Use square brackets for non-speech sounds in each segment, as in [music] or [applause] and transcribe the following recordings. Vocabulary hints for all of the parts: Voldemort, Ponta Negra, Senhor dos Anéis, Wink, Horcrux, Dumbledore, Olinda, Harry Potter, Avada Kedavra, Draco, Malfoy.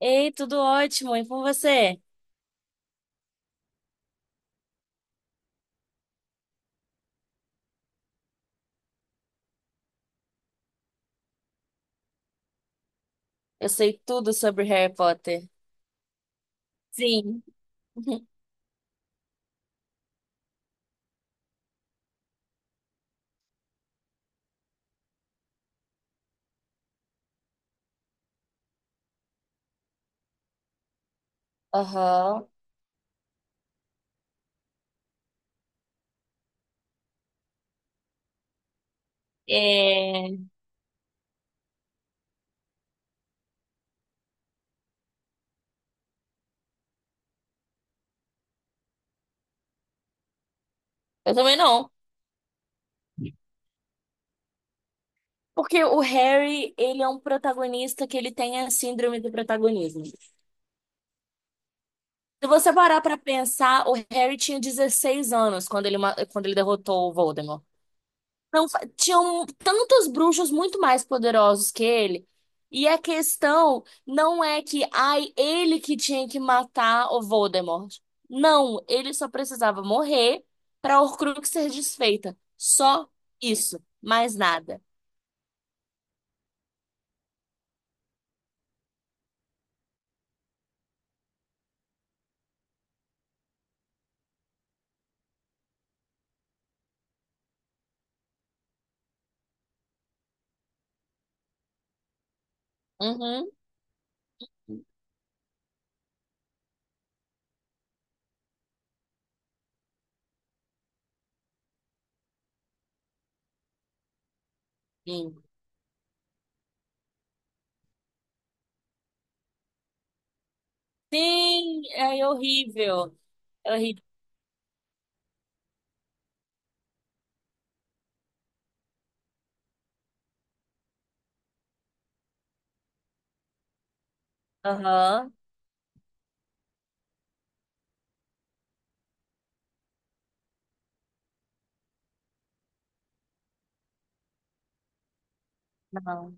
Ei, tudo ótimo, e com você? Eu sei tudo sobre Harry Potter. Sim. [laughs] Aham. É. Eu também não. Porque o Harry, ele é um protagonista que ele tem a síndrome do protagonismo. Se você parar pra pensar, o Harry tinha 16 anos quando quando ele derrotou o Voldemort. Não, tinham tantos bruxos muito mais poderosos que ele. E a questão não é que, ai, ele que tinha que matar o Voldemort. Não, ele só precisava morrer para Horcrux ser desfeita. Só isso, mais nada. Uhum. Sim. Sim, é horrível. É horrível. Aham. Não.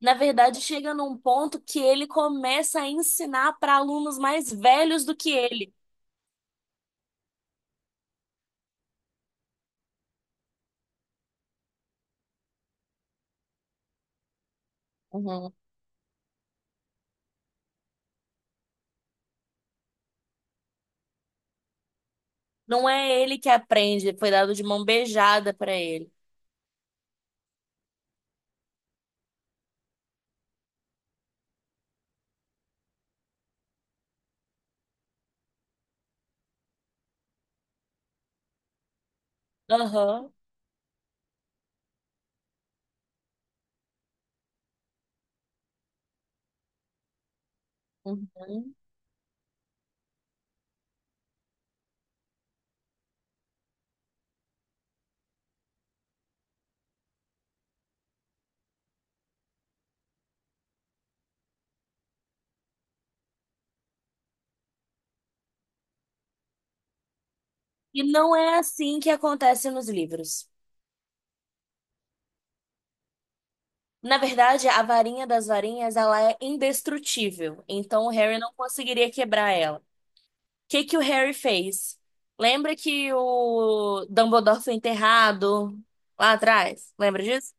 Na verdade, chega num ponto que ele começa a ensinar para alunos mais velhos do que ele. Uhum. Não é ele que aprende, foi dado de mão beijada para ele. Aham. Uhum. E não é assim que acontece nos livros. Na verdade, a varinha das varinhas, ela é indestrutível, então o Harry não conseguiria quebrar ela. O que que o Harry fez? Lembra que o Dumbledore foi enterrado lá atrás? Lembra disso?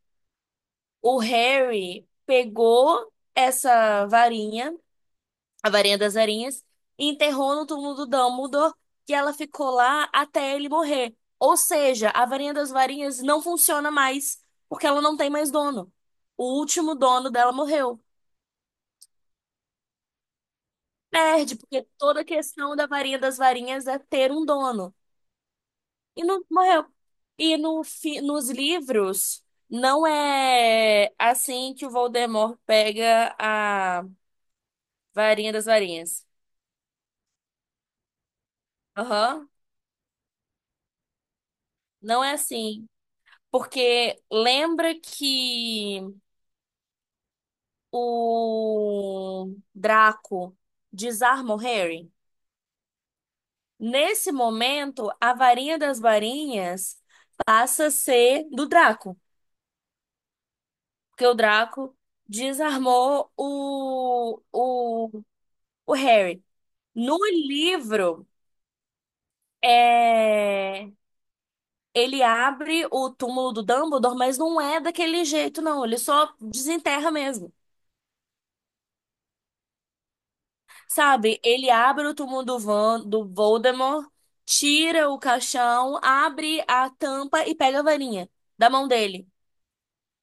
O Harry pegou essa varinha, a varinha das varinhas, e enterrou no túmulo do Dumbledore, que ela ficou lá até ele morrer. Ou seja, a varinha das varinhas não funciona mais, porque ela não tem mais dono. O último dono dela morreu. Perde, porque toda a questão da varinha das varinhas é ter um dono. E não morreu. E no nos livros, não é assim que o Voldemort pega a varinha das varinhas. Aham. Não é assim. Porque lembra que o Draco desarma o Harry? Nesse momento, a varinha das varinhas passa a ser do Draco, porque o Draco desarmou o Harry. No livro, é, ele abre o túmulo do Dumbledore, mas não é daquele jeito, não. Ele só desenterra mesmo. Sabe, ele abre o túmulo do, Van, do Voldemort, tira o caixão, abre a tampa e pega a varinha da mão dele.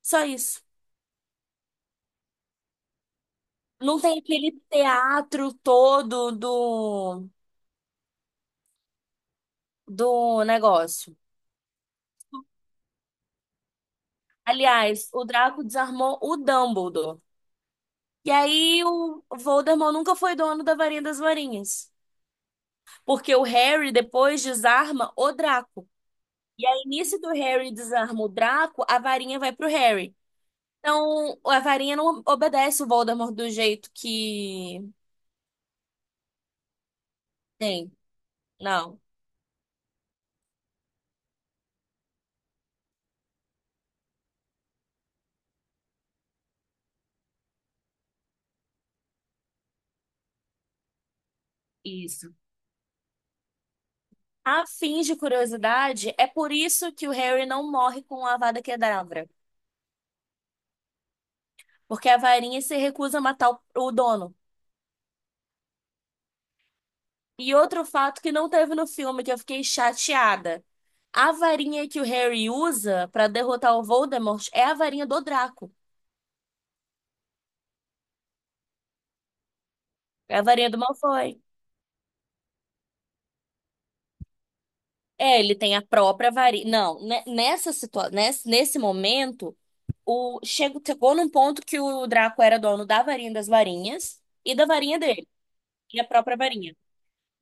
Só isso. Não tem aquele teatro todo do, do negócio. Aliás, o Draco desarmou o Dumbledore. E aí o Voldemort nunca foi dono da varinha das varinhas. Porque o Harry depois desarma o Draco. E aí, nisso que o Harry desarma o Draco, a varinha vai pro Harry. Então, a varinha não obedece o Voldemort do jeito que tem. Não. Isso. A fim de curiosidade, é por isso que o Harry não morre com a Avada Kedavra, porque a varinha se recusa a matar o dono. E outro fato que não teve no filme, que eu fiquei chateada. A varinha que o Harry usa pra derrotar o Voldemort é a varinha do Draco, é a varinha do Malfoy. É, ele tem a própria varinha. Não, nessa situação, nesse momento. O, chegou num ponto que o Draco era dono da varinha das varinhas e da varinha dele, e a própria varinha.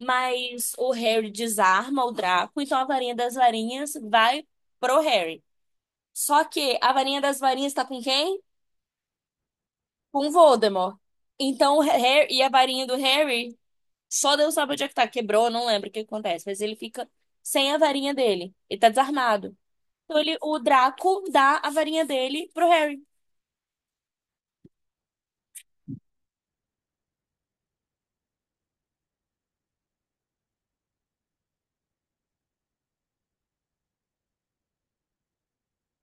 Mas o Harry desarma o Draco, então a varinha das varinhas vai pro Harry. Só que a varinha das varinhas tá com quem? Com Voldemort. Então o Harry e a varinha do Harry, só Deus sabe onde é que tá, quebrou, não lembro o que acontece, mas ele fica sem a varinha dele, ele tá desarmado. Então ele, o Draco dá a varinha dele pro Harry.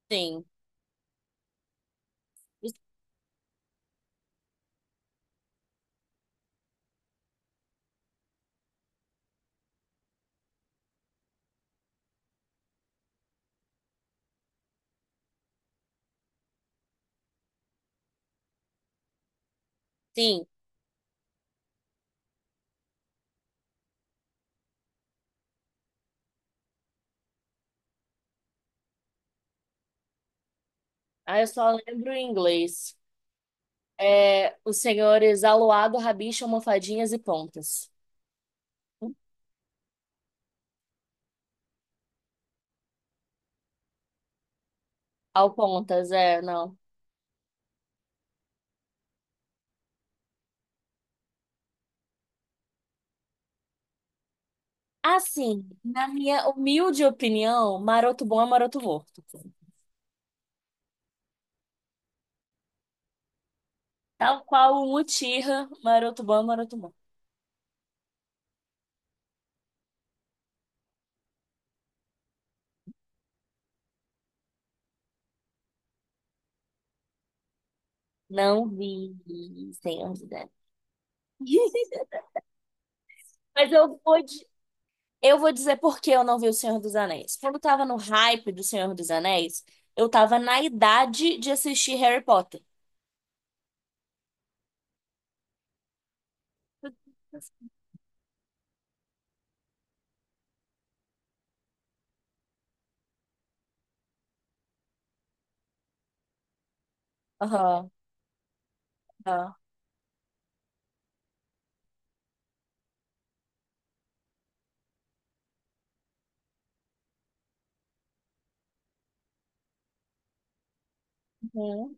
Sim. Sim. Ah, eu só lembro em inglês. É, os senhores aluado, rabicho, almofadinhas e pontas. Ao pontas, é, não. Assim, na minha humilde opinião, maroto bom é maroto morto. Tal qual o Mutirra, maroto bom é maroto morto. Não vi, Senhor dos Anéis. [laughs] Mas eu vou, eu vou dizer por que eu não vi o Senhor dos Anéis. Quando eu tava no hype do Senhor dos Anéis, eu tava na idade de assistir Harry Potter. Aham, aham. Hum.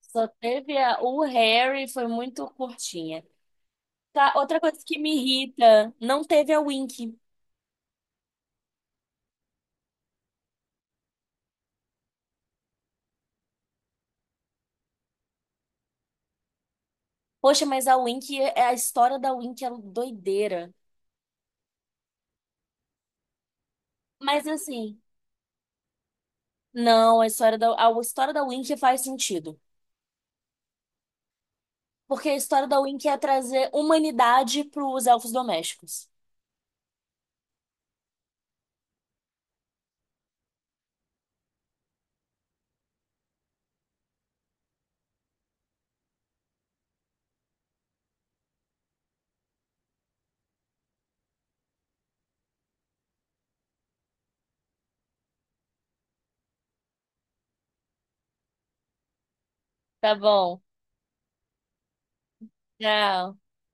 Só teve a... O Harry foi muito curtinha. Tá, outra coisa que me irrita, não teve a Wink. Poxa, mas a Wink, é a história da Wink é doideira. Mas assim, não, a história da Wink faz sentido. Porque a história da Wink é trazer humanidade para os elfos domésticos. Tá bom. Tchau.